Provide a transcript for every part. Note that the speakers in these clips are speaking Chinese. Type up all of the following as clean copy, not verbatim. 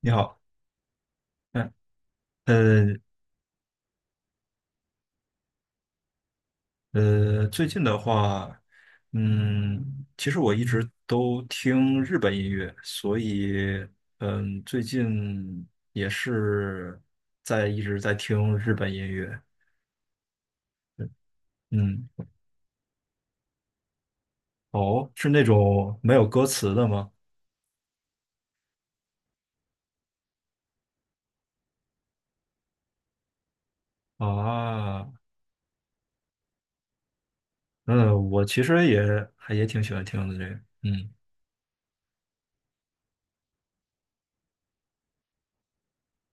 你好。嗯，呃最近的话，其实我一直都听日本音乐，所以，最近也是在一直在听日本音乐。嗯。哦，是那种没有歌词的吗？啊，嗯，我其实也挺喜欢听的这个。嗯，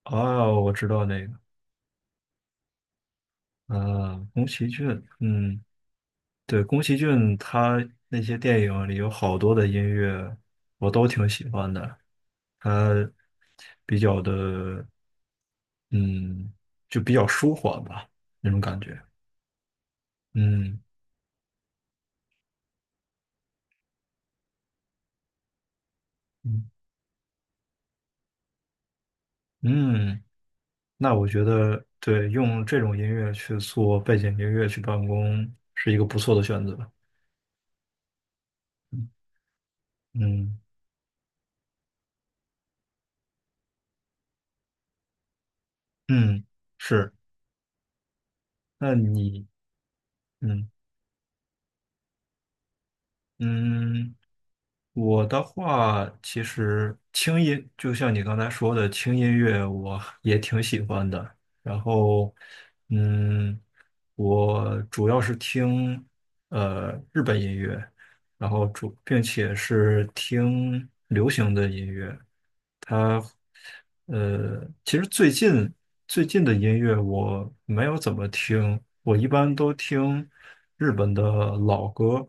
哦，我知道那个。啊，宫崎骏，嗯。对，宫崎骏他那些电影里有好多的音乐，我都挺喜欢的。他比较的，嗯，就比较舒缓吧，那种感觉。嗯嗯嗯，那我觉得对，用这种音乐去做背景音乐去办公是一个不错的选择。嗯嗯，嗯是。那你嗯嗯。我的话，其实轻音，就像你刚才说的，轻音乐我 也挺喜欢的。然后，嗯，我主要是听日本音乐，然后主并且是听流行的音乐。它其实最近的音乐我没有怎么听，我一般都听日本的老歌。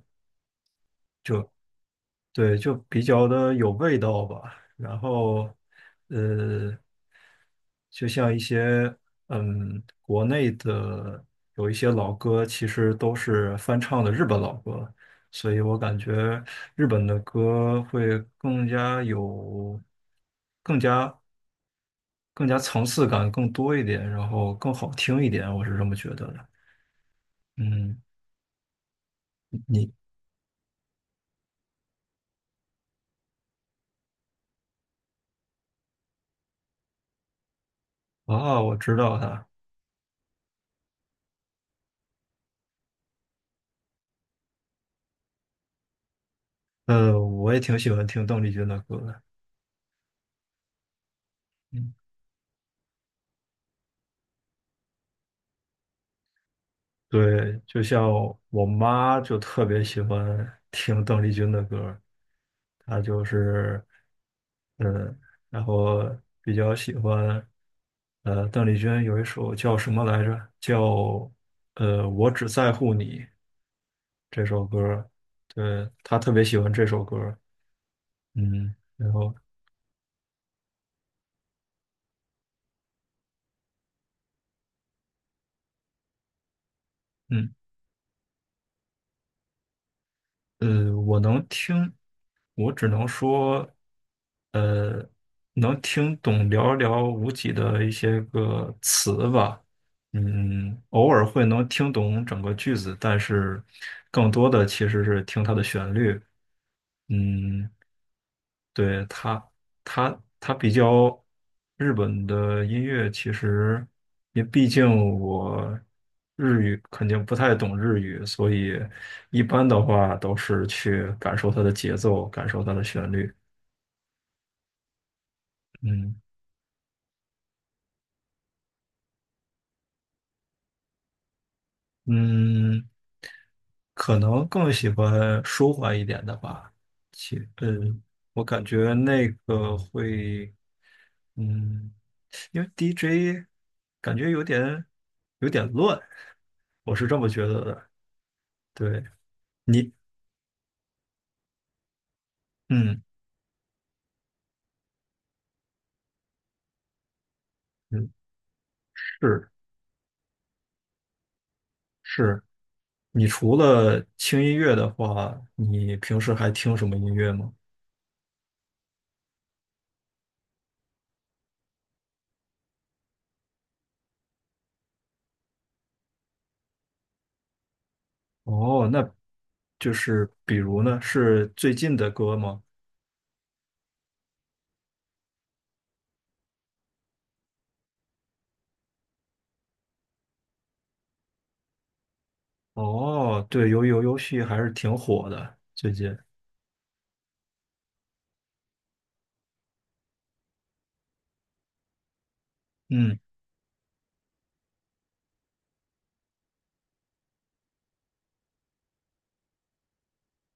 对，就比较的有味道吧。然后，呃，就像一些国内的有一些老歌，其实都是翻唱的日本老歌，所以我感觉日本的歌会更加有、更加层次感更多一点，然后更好听一点，我是这么觉得的。嗯。你啊，我知道他。我也挺喜欢听邓丽君的歌的。嗯，对，就像我妈就特别喜欢听邓丽君的歌儿，她就是，嗯，然后比较喜欢。邓丽君有一首叫什么来着？叫我只在乎你，这首歌儿。对，她特别喜欢这首歌儿。嗯，然后嗯我能听，我只能说。呃，能听懂寥寥无几的一些个词吧。嗯，偶尔会能听懂整个句子，但是更多的其实是听它的旋律。嗯，对，它它比较日本的音乐，其实因为毕竟我日语，肯定不太懂日语，所以一般的话都是去感受它的节奏，感受它的旋律。嗯。嗯，可能更喜欢舒缓一点的吧。其嗯，我感觉那个会，嗯，因为 DJ 感觉有点乱，我是这么觉得的。对你，嗯嗯，是是。你除了轻音乐的话，你平时还听什么音乐吗？哦，那就是比如呢，是最近的歌吗？哦，对，鱿鱼游游戏还是挺火的，最近。嗯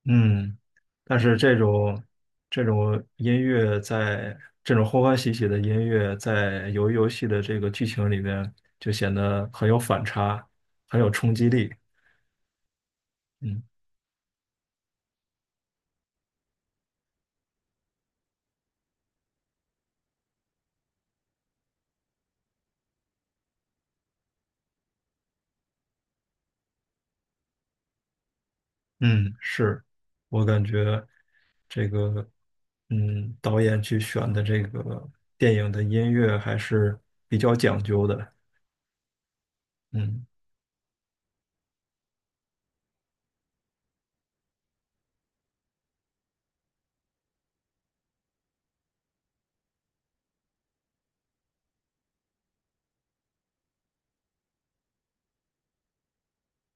嗯，但是这种音乐在这种欢欢喜喜的音乐在游鱼游戏的这个剧情里面就显得很有反差，很有冲击力。嗯嗯，是，我感觉这个导演去选的这个电影的音乐还是比较讲究的。嗯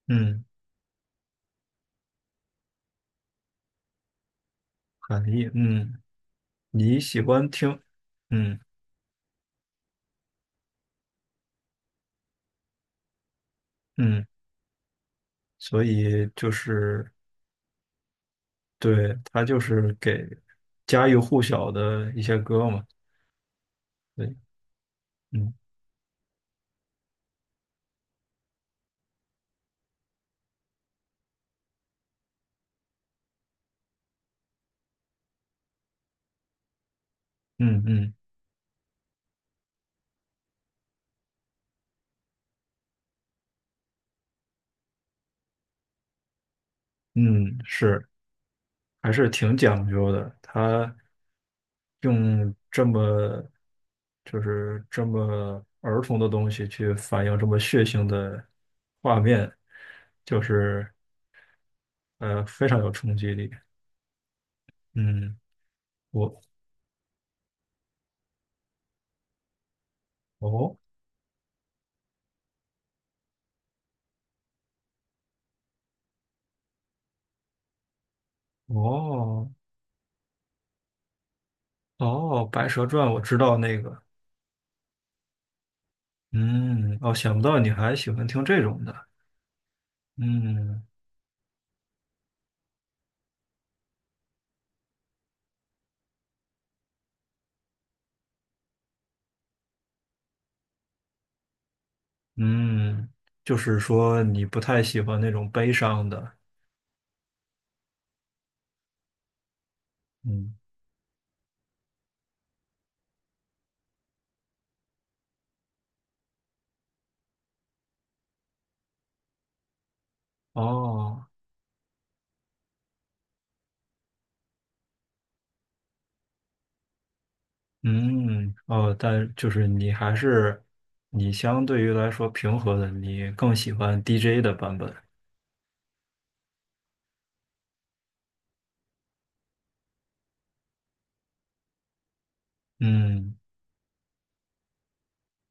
嗯，含义嗯。你喜欢听，嗯嗯，所以就是，对，他就是给家喻户晓的一些歌嘛。对。嗯嗯嗯嗯，是，还是挺讲究的。他用这么，就是这么儿童的东西去反映这么血腥的画面，就是非常有冲击力。嗯。我，哦哦。哦，《白蛇传》我知道那个。嗯，哦，想不到你还喜欢听这种的。嗯嗯，就是说你不太喜欢那种悲伤的。嗯，哦。嗯哦，但就是你还是你相对于来说平和的，你更喜欢 DJ 的版本。嗯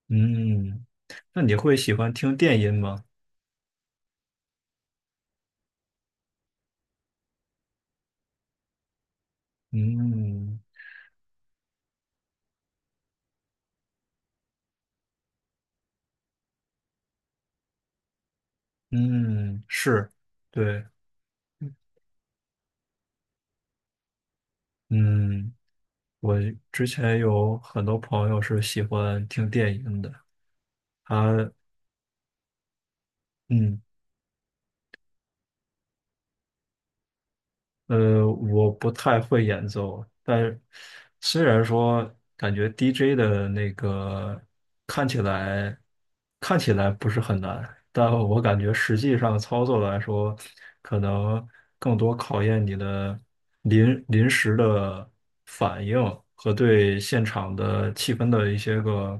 嗯，那你会喜欢听电音吗？嗯嗯，是，对，嗯。我之前有很多朋友是喜欢听电音的。他嗯。我不太会演奏，但虽然说感觉 DJ 的那个看起来看起来不是很难，但我感觉实际上操作来说，可能更多考验你的临时的反应和对现场的气氛的一些个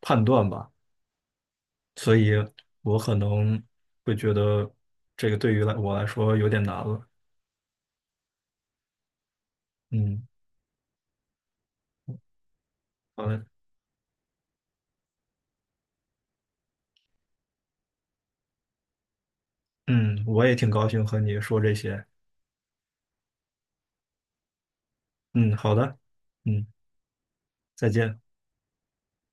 判断吧。所以我可能会觉得这个对于我来说有点难了。嗯，好的。嗯，我也挺高兴和你说这些。嗯，好的。嗯，再见。